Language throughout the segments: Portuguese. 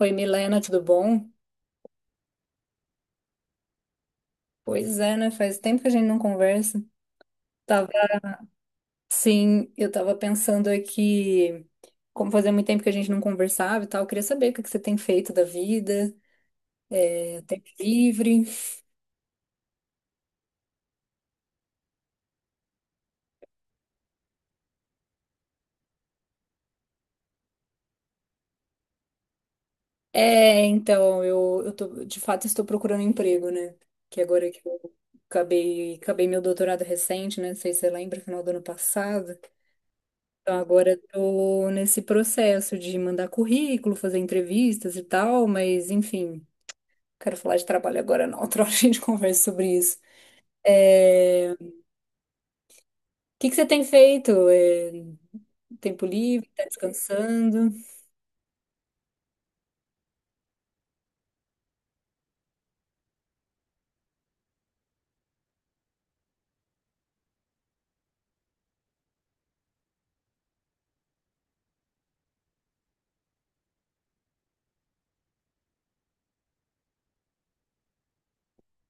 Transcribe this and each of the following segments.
Oi, Milena, tudo bom? Pois é, né? Faz tempo que a gente não conversa. Tava, sim, eu tava pensando aqui, como fazia muito tempo que a gente não conversava e tal, eu queria saber o que que você tem feito da vida, tempo livre. Então, de fato, estou procurando emprego, né? Que agora que eu acabei meu doutorado recente, né? Não sei se você lembra, final do ano passado. Então, agora eu tô nesse processo de mandar currículo, fazer entrevistas e tal, mas, enfim. Quero falar de trabalho agora, não. Outra hora a gente conversa sobre isso. O que que você tem feito? Tempo livre? Tá descansando?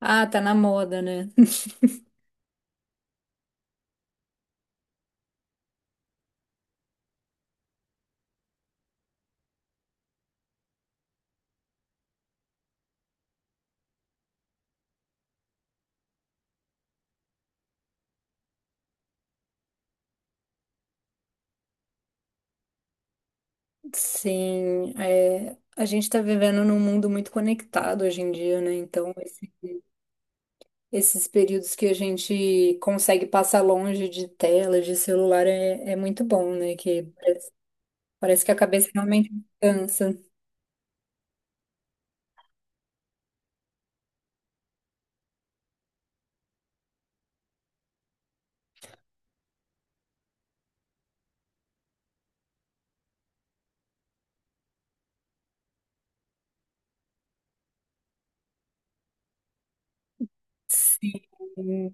Ah, tá na moda, né? Sim, a gente está vivendo num mundo muito conectado hoje em dia, né? Então, esses períodos que a gente consegue passar longe de tela, de celular, é muito bom, né? Que parece que a cabeça realmente cansa. Sim.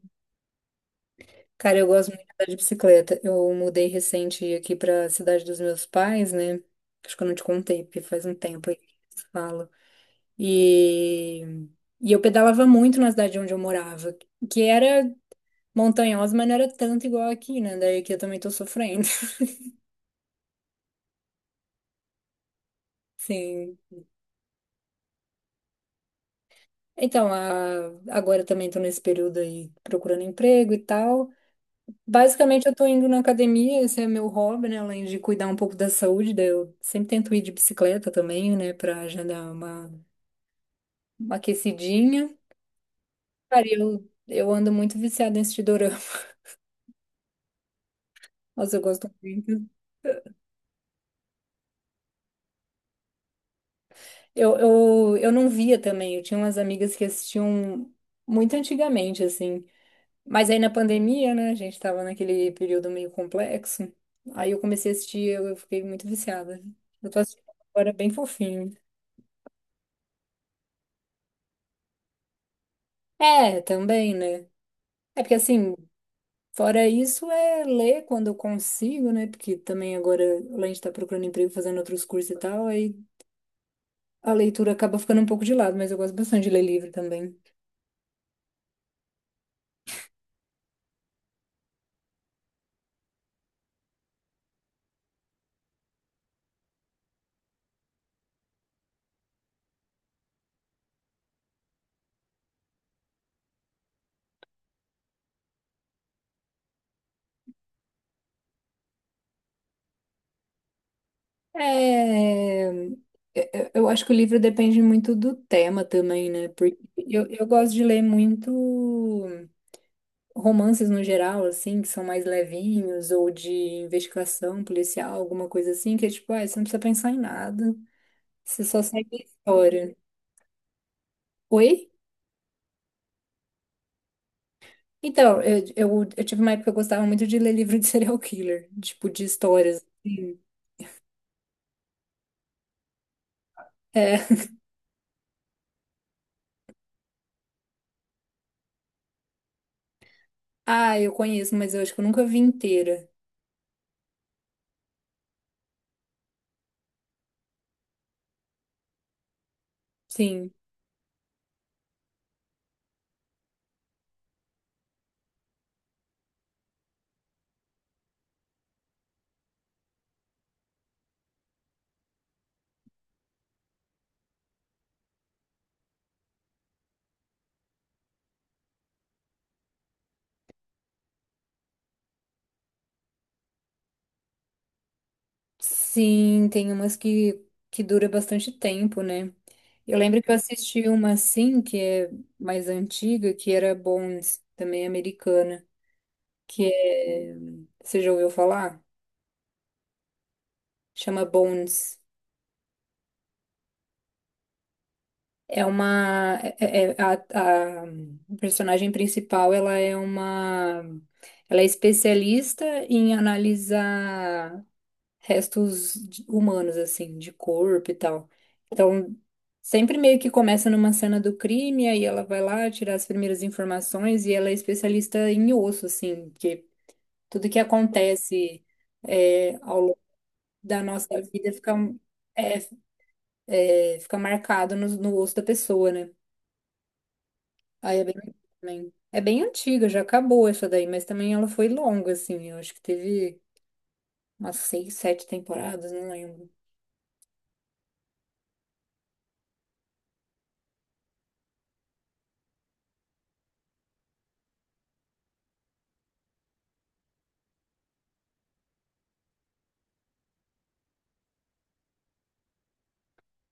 Cara, eu gosto muito de andar de bicicleta. Eu mudei recente aqui pra cidade dos meus pais, né? Acho que eu não te contei, porque faz um tempo aí que eu te falo. E... e eu pedalava muito na cidade onde eu morava, que era montanhosa, mas não era tanto igual aqui, né? Daí aqui eu também tô sofrendo. Sim. Então, agora eu também tô nesse período aí procurando emprego e tal. Basicamente, eu tô indo na academia, esse é meu hobby, né? Além de cuidar um pouco da saúde, daí eu sempre tento ir de bicicleta também, né? Pra já dar uma aquecidinha. Cara, eu ando muito viciada em assistir dorama. Nossa, eu gosto muito. Eu não via também, eu tinha umas amigas que assistiam muito antigamente, assim. Mas aí na pandemia, né? A gente tava naquele período meio complexo. Aí eu comecei a assistir, eu fiquei muito viciada. Eu tô assistindo agora bem fofinho. É, também, né? É porque assim. Fora isso, é ler quando eu consigo, né? Porque também agora, além de estar procurando emprego, fazendo outros cursos e tal, aí a leitura acaba ficando um pouco de lado, mas eu gosto bastante de ler livro também. É... eu acho que o livro depende muito do tema também, né? Porque eu gosto de ler muito romances no geral, assim, que são mais levinhos, ou de investigação policial, alguma coisa assim, que é tipo, ah, você não precisa pensar em nada, você só segue a história. Oi? Então, eu tive uma época que eu gostava muito de ler livro de serial killer, tipo, de histórias, assim. É. Ah, eu conheço, mas eu acho que eu nunca vi inteira. Sim. Sim, tem umas que dura bastante tempo, né? Eu lembro que eu assisti uma assim, que é mais antiga, que era Bones, também americana, que é... Você já ouviu falar? Chama Bones. É uma é- é- é, a personagem principal, ela é especialista em analisar restos humanos assim, de corpo e tal. Então, sempre meio que começa numa cena do crime, aí ela vai lá tirar as primeiras informações e ela é especialista em osso assim, porque tudo que acontece ao longo da nossa vida é, fica marcado no osso da pessoa, né? Ai, é bem antiga também. É bem antiga, já acabou essa daí, mas também ela foi longa, assim. Eu acho que teve umas seis, sete temporadas, não lembro.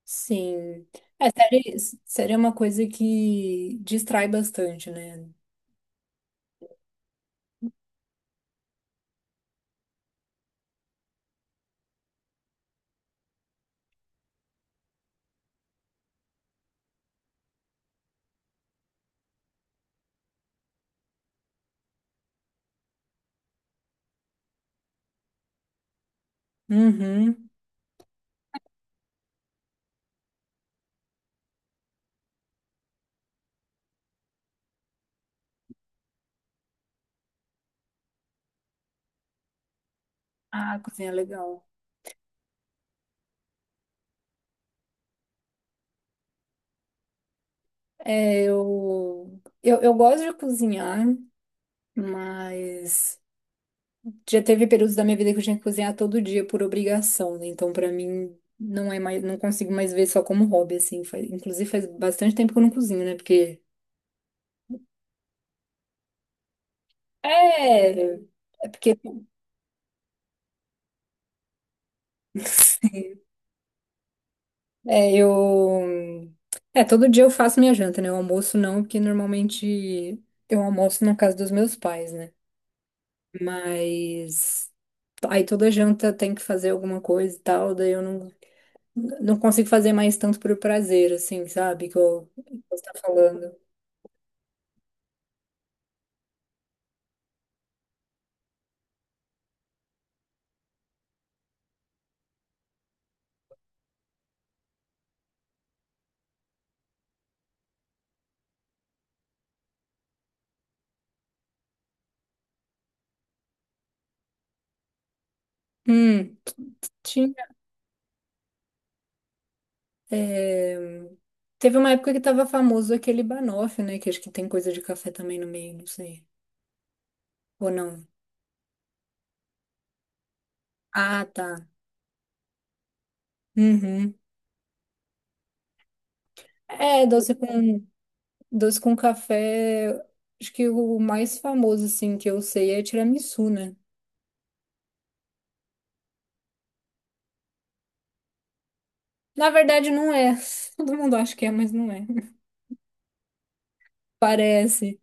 Sim. É, série, série é uma coisa que distrai bastante, né? Uhum. Ah, cozinha é legal. Eu gosto de cozinhar, mas. Já teve períodos da minha vida que eu tinha que cozinhar todo dia por obrigação, né? Então, pra mim, não é mais, não consigo mais ver só como hobby, assim. Inclusive, faz bastante tempo que eu não cozinho, né? Porque. É. É porque. É, eu. Todo dia eu faço minha janta, né? O almoço não, porque normalmente eu almoço na casa dos meus pais, né? Mas. Aí toda janta tem que fazer alguma coisa e tal, daí eu não, consigo fazer mais tanto por prazer, assim, sabe? Que que você tá falando. Hum, tinha. é, Teve uma época que tava famoso aquele banoffee, né? Que acho que tem coisa de café também no meio, não sei. Ou não? Ah, tá. Uhum. É, doce com, doce com café. Acho que o mais famoso, assim, que eu sei é tiramisu, né? Na verdade, não é. Todo mundo acha que é, mas não é. Parece.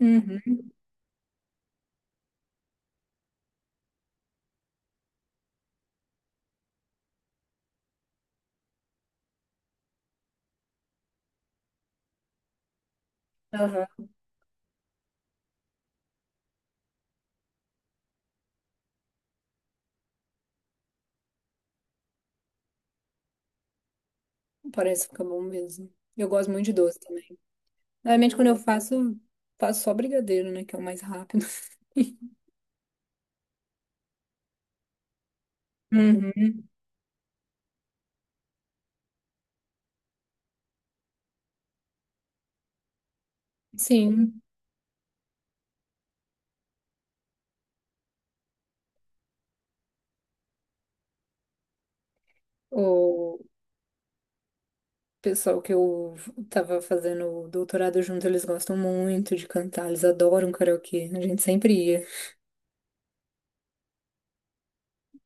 Uhum. Aham. Parece ficar bom mesmo. Eu gosto muito de doce também. Normalmente, quando eu faço só brigadeiro, né? Que é o mais rápido. Uhum. Sim, o pessoal que eu tava fazendo o doutorado junto, eles gostam muito de cantar, eles adoram karaokê, a gente sempre ia.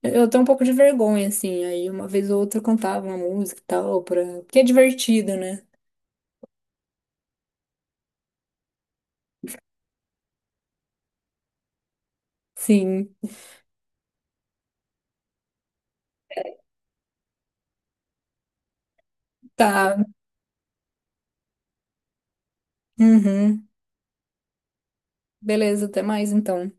Eu tenho um pouco de vergonha, assim, aí uma vez ou outra eu cantava uma música e tal, porque é divertido, né? Sim, tá. Uhum. Beleza, até mais então.